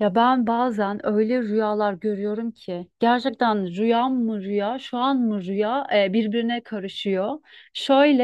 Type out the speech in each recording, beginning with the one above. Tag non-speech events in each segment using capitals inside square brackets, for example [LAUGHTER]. Ya ben bazen öyle rüyalar görüyorum ki gerçekten rüya mı rüya, şu an mı rüya birbirine karışıyor. Şöyle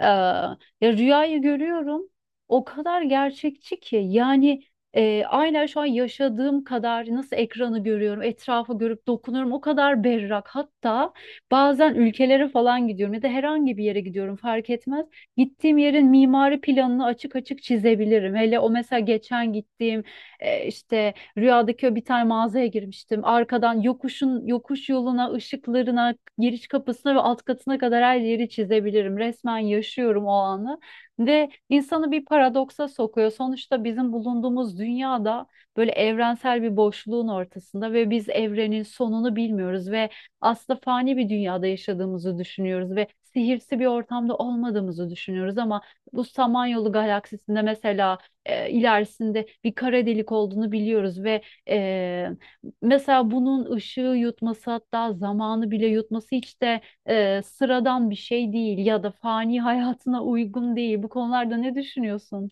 e, ya rüyayı görüyorum o kadar gerçekçi ki yani, aynen şu an yaşadığım kadar nasıl ekranı görüyorum, etrafı görüp dokunuyorum o kadar berrak. Hatta bazen ülkelere falan gidiyorum ya da herhangi bir yere gidiyorum fark etmez. Gittiğim yerin mimari planını açık açık çizebilirim. Hele o mesela geçen gittiğim e, işte Rüyadaki o bir tane mağazaya girmiştim. Arkadan yokuşun yokuş yoluna, ışıklarına, giriş kapısına ve alt katına kadar her yeri çizebilirim. Resmen yaşıyorum o anı. Ve insanı bir paradoksa sokuyor. Sonuçta bizim bulunduğumuz dünyada böyle evrensel bir boşluğun ortasında ve biz evrenin sonunu bilmiyoruz ve aslında fani bir dünyada yaşadığımızı düşünüyoruz ve sihirsi bir ortamda olmadığımızı düşünüyoruz ama bu Samanyolu galaksisinde mesela ilerisinde bir kara delik olduğunu biliyoruz ve e, mesela bunun ışığı yutması hatta zamanı bile yutması hiç de sıradan bir şey değil ya da fani [LAUGHS] hayatına uygun değil. Bu konularda ne düşünüyorsun?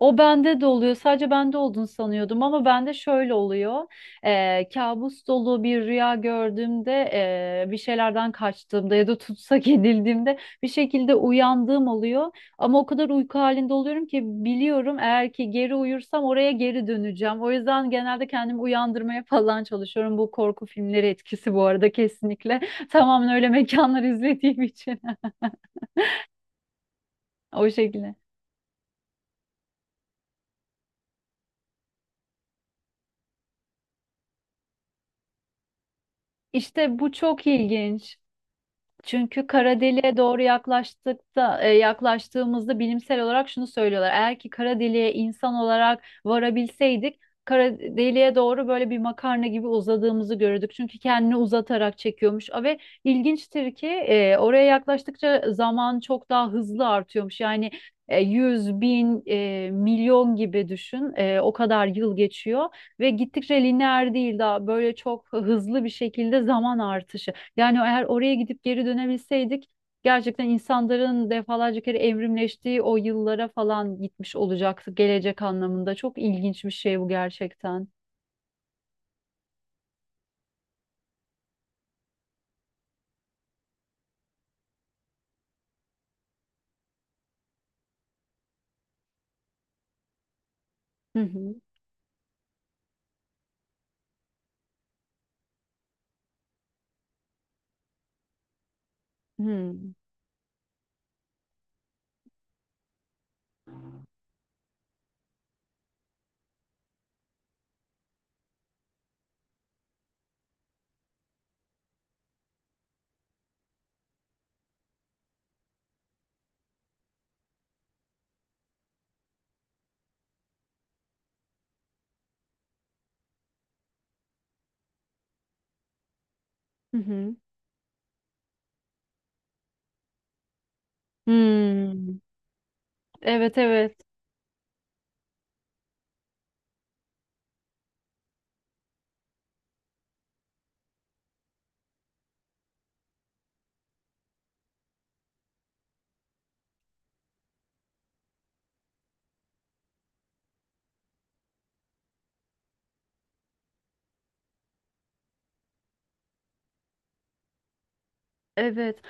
O bende de oluyor. Sadece bende olduğunu sanıyordum ama bende şöyle oluyor. Kabus dolu bir rüya gördüğümde, bir şeylerden kaçtığımda ya da tutsak [LAUGHS] edildiğimde bir şekilde uyandığım oluyor. Ama o kadar uyku halinde oluyorum ki biliyorum eğer ki geri uyursam oraya geri döneceğim. O yüzden genelde kendimi uyandırmaya [LAUGHS] falan çalışıyorum. Bu korku filmleri etkisi bu arada kesinlikle. [LAUGHS] Tamamen öyle mekanlar izlediğim için. [LAUGHS] O şekilde. İşte bu çok ilginç. Çünkü kara deliğe doğru yaklaştığımızda bilimsel olarak şunu söylüyorlar. Eğer ki kara deliğe insan olarak varabilseydik, kara deliğe doğru böyle bir makarna gibi uzadığımızı görürdük. Çünkü kendini uzatarak çekiyormuş. Ve ilginçtir ki oraya yaklaştıkça zaman çok daha hızlı artıyormuş. Yani 100, 1000, 1000000 gibi düşün. E, o kadar yıl geçiyor ve gittikçe lineer değil daha böyle çok hızlı bir şekilde zaman artışı. Yani eğer oraya gidip geri dönebilseydik gerçekten insanların defalarca kere evrimleştiği o yıllara falan gitmiş olacaktı gelecek anlamında. Çok ilginç bir şey bu gerçekten. Hı hı. Hı hı. Hı hı. Hmm. Evet, evet. Evet.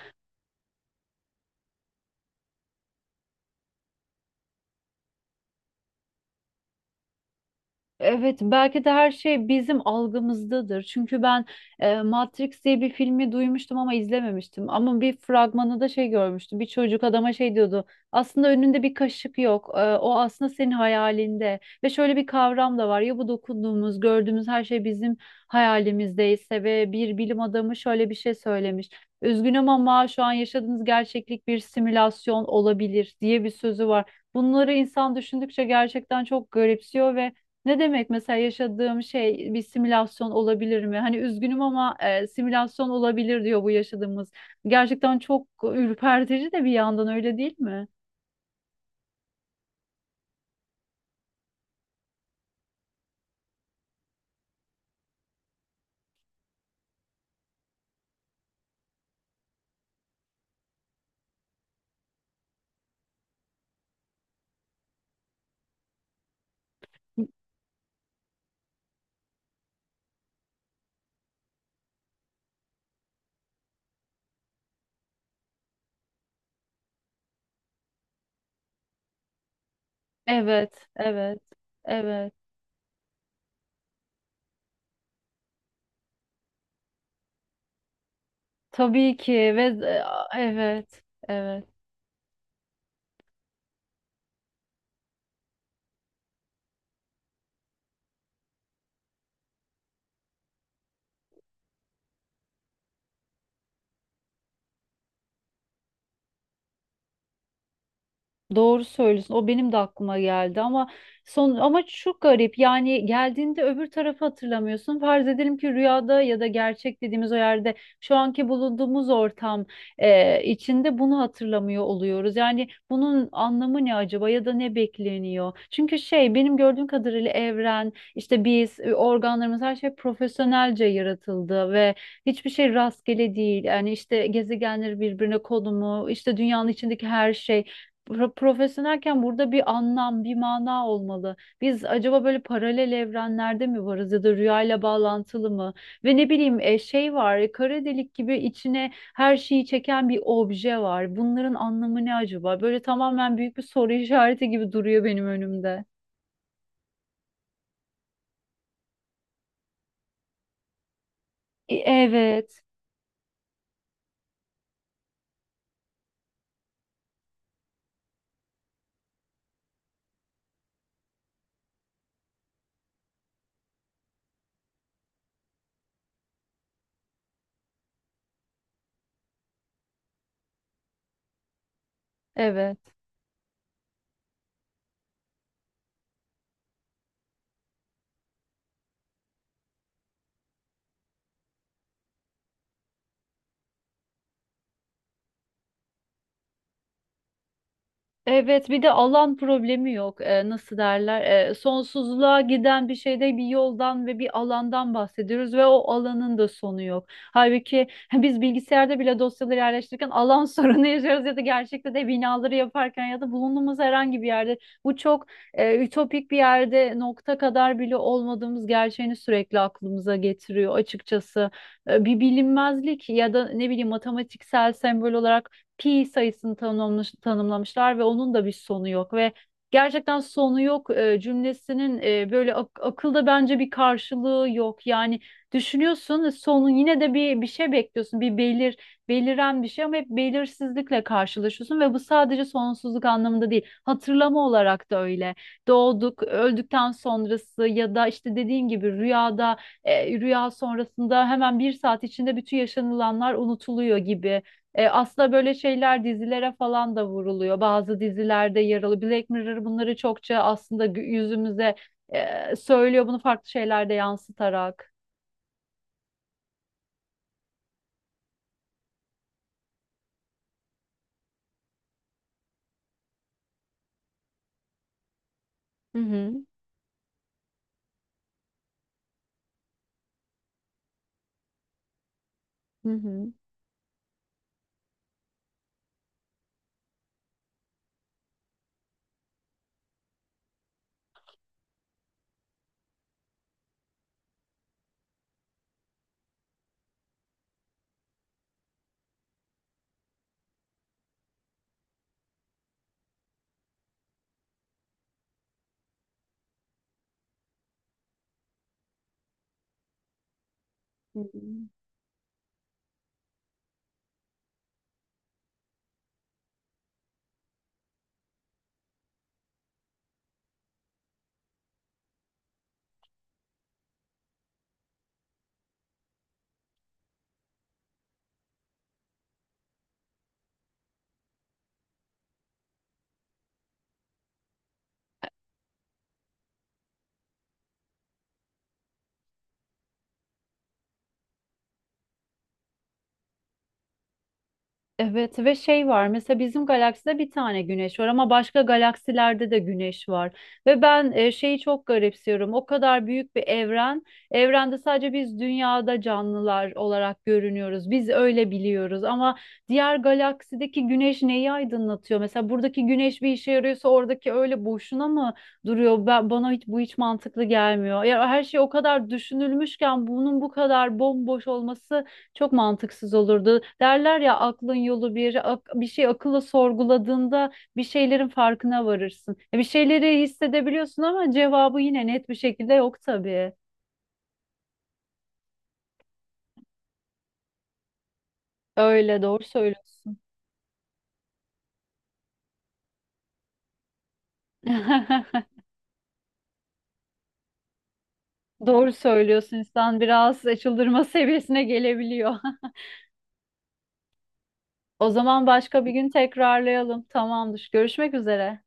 Evet, belki de her şey bizim algımızdadır. Çünkü ben Matrix diye bir filmi duymuştum ama izlememiştim. Ama bir fragmanı da şey görmüştüm. Bir çocuk adama şey diyordu. Aslında önünde bir kaşık yok. E, o aslında senin hayalinde. Ve şöyle bir kavram da var. Ya bu dokunduğumuz, gördüğümüz her şey bizim hayalimizdeyse ve bir bilim adamı şöyle bir şey söylemiş. Üzgünüm ama şu an yaşadığınız gerçeklik bir simülasyon olabilir diye bir sözü var. Bunları insan düşündükçe gerçekten çok garipsiyor ve ne demek mesela yaşadığım şey bir simülasyon olabilir mi? Hani üzgünüm ama simülasyon olabilir diyor bu yaşadığımız. Gerçekten çok ürpertici de bir yandan öyle değil mi? Evet, evet, evet. Tabii ki ve evet, evet. Doğru söylüyorsun. O benim de aklıma geldi ama ama çok garip. Yani geldiğinde öbür tarafı hatırlamıyorsun. Farz edelim ki rüyada ya da gerçek dediğimiz o yerde şu anki bulunduğumuz ortam içinde bunu hatırlamıyor oluyoruz. Yani bunun anlamı ne acaba ya da ne bekleniyor? Çünkü şey benim gördüğüm kadarıyla evren işte biz organlarımız her şey profesyonelce yaratıldı ve hiçbir şey rastgele değil. Yani işte gezegenleri birbirine konumu, işte dünyanın içindeki her şey. Profesyonelken burada bir anlam, bir mana olmalı. Biz acaba böyle paralel evrenlerde mi varız ya da rüyayla bağlantılı mı? Ve ne bileyim şey var, kara delik gibi içine her şeyi çeken bir obje var. Bunların anlamı ne acaba? Böyle tamamen büyük bir soru [LAUGHS] işareti gibi duruyor benim önümde. Evet, evet. Evet, bir de alan problemi yok. Nasıl derler? Sonsuzluğa giden bir şeyde bir yoldan ve bir alandan bahsediyoruz ve o alanın da sonu yok. Halbuki [LAUGHS] biz bilgisayarda bile dosyaları yerleştirirken alan [LAUGHS] sorunu yaşıyoruz ya da gerçekte de binaları yaparken ya da bulunduğumuz herhangi bir yerde bu çok ütopik bir yerde nokta kadar bile olmadığımız gerçeğini sürekli aklımıza getiriyor açıkçası. Bir bilinmezlik ya da ne bileyim matematiksel sembol olarak pi sayısını tanımlamışlar ve onun da bir sonu yok ve gerçekten sonu yok cümlesinin böyle akılda bence bir karşılığı yok. Yani düşünüyorsun sonun yine de bir şey bekliyorsun. Bir belir Beliren bir şey ama hep belirsizlikle karşılaşıyorsun ve bu sadece sonsuzluk anlamında değil. Hatırlama olarak da öyle. Doğduk, öldükten sonrası ya da işte dediğin gibi rüyada rüya sonrasında hemen bir saat içinde bütün yaşanılanlar unutuluyor gibi. Aslında böyle şeyler dizilere falan da vuruluyor. Bazı dizilerde yer alıyor. Black Mirror bunları çokça aslında yüzümüze söylüyor bunu farklı şeylerde yansıtarak. Hı hı. Hı hı. Hı hı. Evet ve şey var mesela bizim galakside bir tane güneş var ama başka galaksilerde de güneş var. Ve ben şeyi çok garipsiyorum o kadar büyük bir evrende sadece biz dünyada canlılar olarak görünüyoruz biz öyle biliyoruz ama diğer galaksideki güneş neyi aydınlatıyor? Mesela buradaki güneş bir işe yarıyorsa oradaki öyle boşuna mı duruyor? Bana hiç bu hiç mantıklı gelmiyor. Ya her şey o kadar düşünülmüşken bunun bu kadar bomboş olması çok mantıksız olurdu. Derler ya aklın yolu bir, bir şey akılla sorguladığında bir şeylerin farkına varırsın. Bir şeyleri hissedebiliyorsun ama cevabı yine net bir şekilde yok tabii. Öyle doğru söylüyorsun. [LAUGHS] Doğru söylüyorsun. İnsan biraz çıldırma seviyesine gelebiliyor. [LAUGHS] O zaman başka bir gün tekrarlayalım. Tamamdır. Görüşmek üzere.